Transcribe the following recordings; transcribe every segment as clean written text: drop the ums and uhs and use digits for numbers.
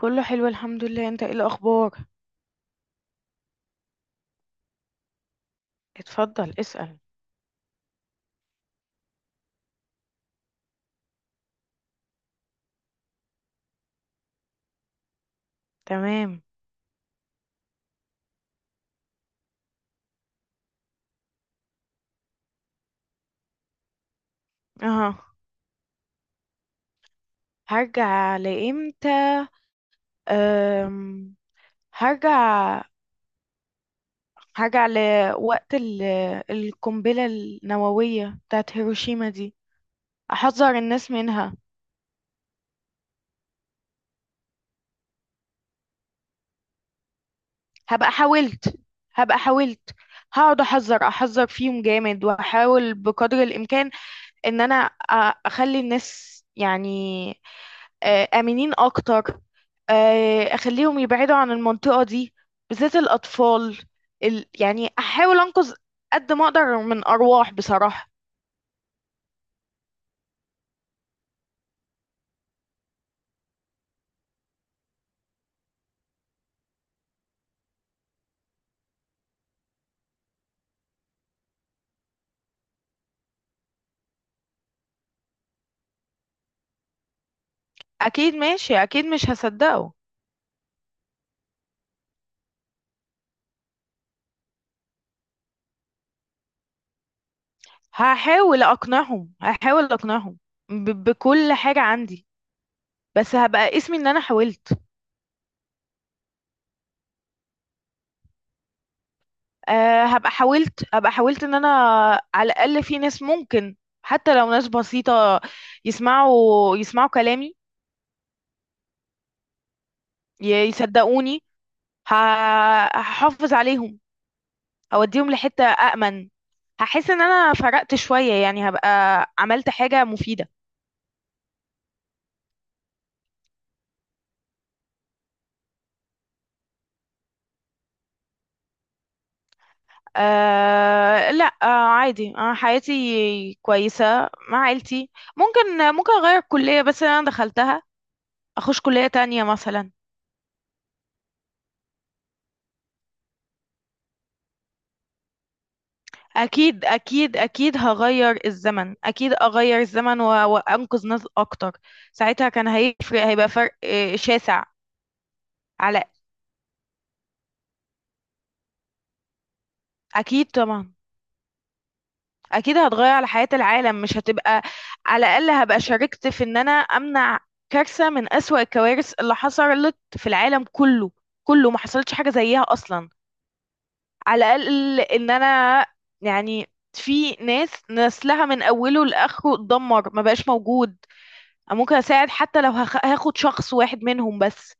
كله حلو، الحمد لله. انت ايه الاخبار؟ اتفضل، اسأل. تمام. اها، هرجع لامتى؟ أم... هرجع هرجع لوقت القنبلة النووية بتاعت هيروشيما دي. احذر الناس منها. هبقى حاولت هبقى حاولت. هقعد احذر احذر فيهم جامد، واحاول بقدر الامكان ان انا اخلي الناس، يعني، آمنين أكتر. أخليهم يبعدوا عن المنطقة دي، بالذات الأطفال. يعني أحاول أنقذ قد ما أقدر من أرواح، بصراحة. أكيد ماشي، أكيد مش هصدقه. هحاول أقنعهم بكل حاجة عندي. بس هبقى اسمي إن أنا حاولت. أه، هبقى حاولت إن أنا على الأقل في ناس ممكن، حتى لو ناس بسيطة، يسمعوا كلامي، يصدقوني، هحافظ عليهم، اوديهم لحتة أأمن. هحس ان انا فرقت شوية، يعني هبقى عملت حاجة مفيدة. أه، لا، أه عادي، أه حياتي كويسة مع عيلتي. ممكن اغير الكلية بس اللي انا دخلتها، اخش كلية تانية مثلا. اكيد اكيد اكيد هغير الزمن، اكيد اغير الزمن وانقذ ناس اكتر. ساعتها كان هيفرق، هيبقى فرق شاسع. على. اكيد طبعا. اكيد هتغير على حياة العالم، مش هتبقى. على الاقل هبقى شاركت في ان انا امنع كارثة من اسوأ الكوارث اللي حصلت في العالم كله. كله ما حصلتش حاجة زيها اصلا. على الاقل ان انا، يعني، في ناس نسلها من اوله لاخره اتدمر، ما بقاش موجود. أنا ممكن اساعد حتى لو هاخد شخص واحد منهم بس.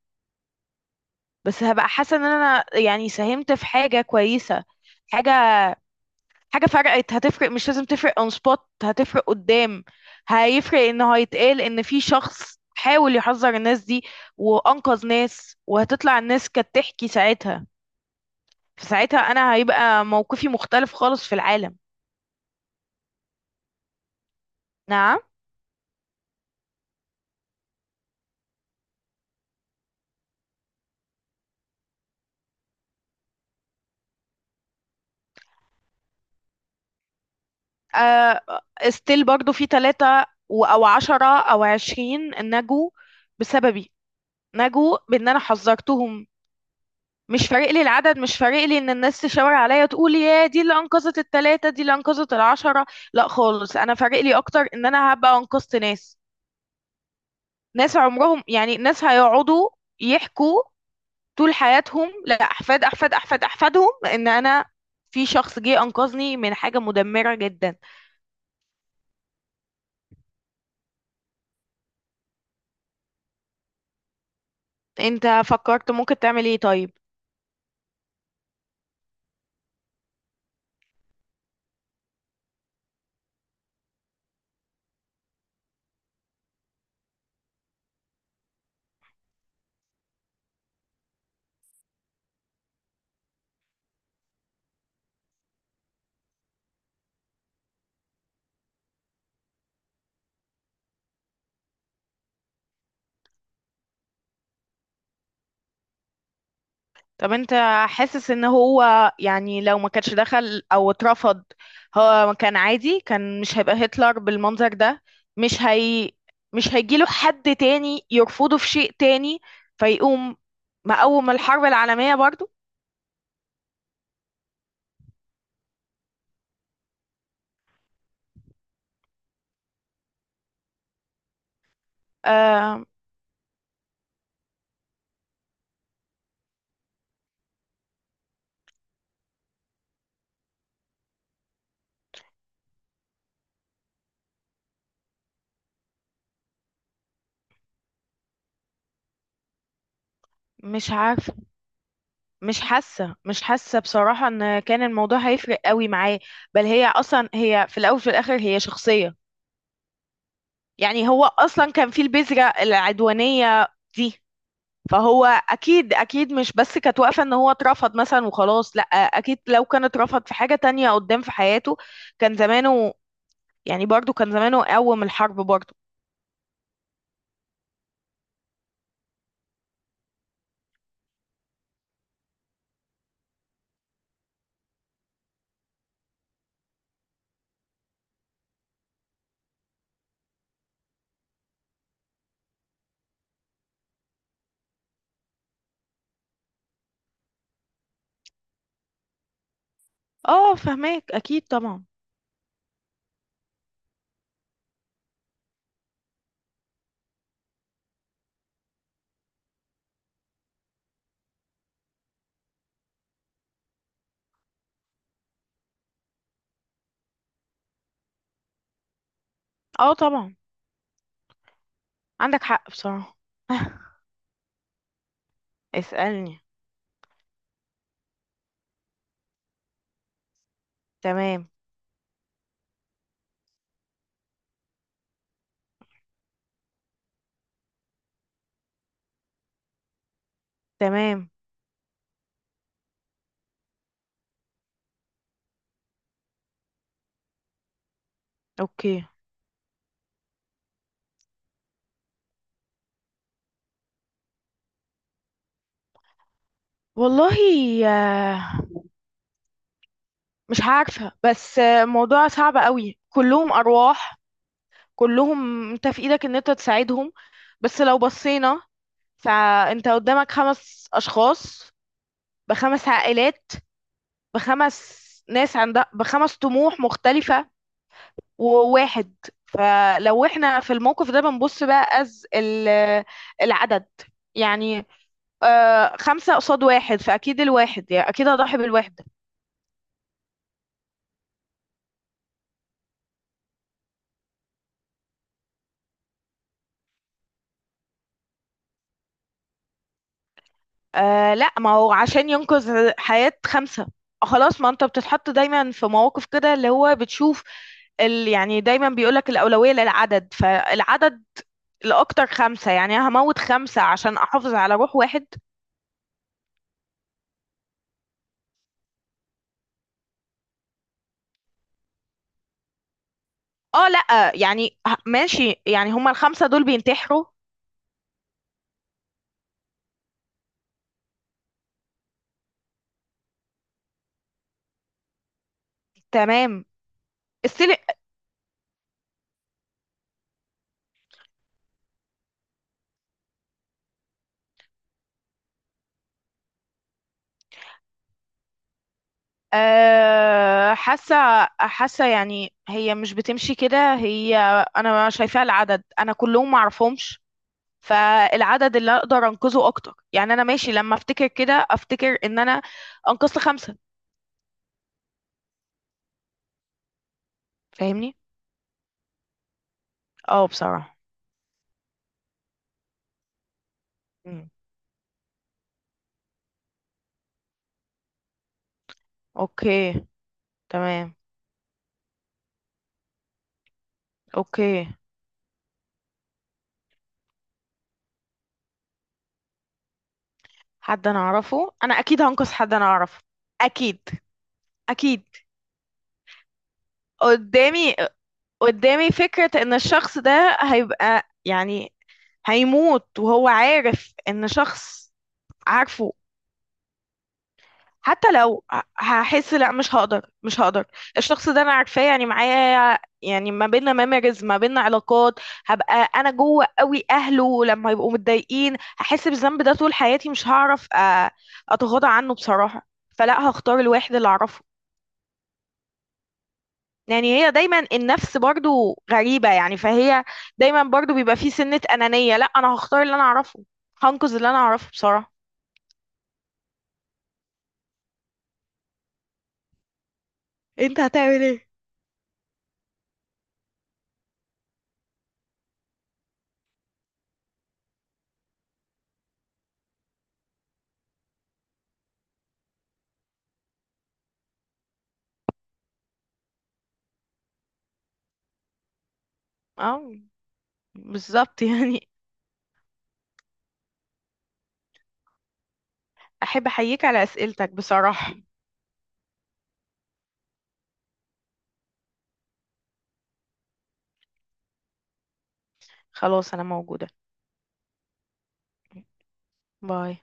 بس هبقى حاسة ان انا، يعني، ساهمت في حاجة كويسة. حاجة حاجة فرقت. هتفرق، مش لازم تفرق اون سبوت، هتفرق قدام. هيفرق انه هيتقال ان في شخص حاول يحذر الناس دي، وانقذ ناس. وهتطلع الناس كانت تحكي ساعتها. فساعتها انا هيبقى موقفي مختلف خالص في العالم. نعم. آه، ستيل برضو في 3 او 10 او 20 نجوا بسببي، نجوا بان انا حذرتهم. مش فارق لي العدد، مش فارق لي ان الناس تشاور عليا، تقول يا دي اللي انقذت الـ3، دي اللي انقذت الـ10. لا خالص، انا فارق لي اكتر ان انا هبقى انقذت ناس. ناس عمرهم، يعني ناس هيقعدوا يحكوا طول حياتهم لاحفاد احفاد احفاد احفاد احفادهم ان انا، في شخص جه انقذني من حاجة مدمرة جدا. انت فكرت ممكن تعمل ايه طيب؟ طب انت حاسس ان هو، يعني، لو ما كانش دخل او اترفض، هو كان عادي، كان مش هيبقى هتلر بالمنظر ده؟ مش هي مش هيجيله حد تاني يرفضه في شيء تاني، فيقوم مقوم الحرب العالمية برضو؟ آه، مش عارفة، مش حاسة بصراحة ان كان الموضوع هيفرق قوي معاه. بل هي اصلا، هي في الاول وفي الاخر هي شخصية. يعني هو اصلا كان في البذرة العدوانية دي. فهو اكيد اكيد مش بس كانت واقفه ان هو اترفض مثلا وخلاص. لا، اكيد لو كان اترفض في حاجه تانية قدام في حياته، كان زمانه، يعني برضو كان زمانه قوم الحرب برضو. اه فهماك، اكيد طبعا. اه طبعا، عندك حق بصراحه. اسألني. تمام. تمام. اوكي. والله، آه، مش عارفة بس موضوع صعب قوي. كلهم أرواح، كلهم انت في ايدك ان انت تساعدهم. بس لو بصينا، فانت قدامك 5 اشخاص، بـ5 عائلات، بـ5 ناس عندها، بـ5 طموح مختلفة، وواحد. فلو احنا في الموقف ده بنبص بقى از العدد، يعني آه 5 قصاد واحد، فأكيد الواحد، يعني أكيد هضحي بالواحد. آه، لا، ما هو عشان ينقذ حياة 5. خلاص، ما انت بتتحط دايما في مواقف كده اللي هو بتشوف يعني دايما بيقولك الأولوية للعدد، فالعدد لأكتر. 5، يعني أنا هموت 5 عشان أحافظ على روح واحد. اه لأ، يعني ماشي، يعني هما الـ5 دول بينتحروا؟ تمام. السيل. أه، حاسة، يعني هي مش بتمشي كده. هي أنا شايفاها العدد، أنا كلهم معرفهمش. فالعدد اللي أقدر أنقذه أكتر، يعني أنا ماشي. لما أفتكر كده أفتكر إن أنا أنقذت 5. فاهمني؟ اه بصراحة. مم. أوكي. تمام. أوكي. حد انا اعرفه، انا اكيد هنقص حد انا اعرفه. اكيد اكيد. قدامي قدامي فكرة ان الشخص ده هيبقى، يعني، هيموت وهو عارف ان شخص عارفه. حتى لو هحس، لا، مش هقدر. الشخص ده انا عارفاه، يعني معايا، يعني ما بيننا ميموريز، ما بيننا علاقات. هبقى انا جوه قوي اهله لما يبقوا متضايقين، هحس بالذنب ده طول حياتي، مش هعرف اتغاضى عنه بصراحة. فلا، هختار الواحد اللي اعرفه. يعني هي دايما، النفس برضو غريبة، يعني فهي دايما برضو بيبقى في سنة أنانية. لا، أنا هختار اللي أنا أعرفه. هنقذ اللي أنا أعرفه، بصراحة. انت هتعمل ايه؟ اه، بالظبط يعني. أحب أحييك على أسئلتك، بصراحة. خلاص، أنا موجودة. باي.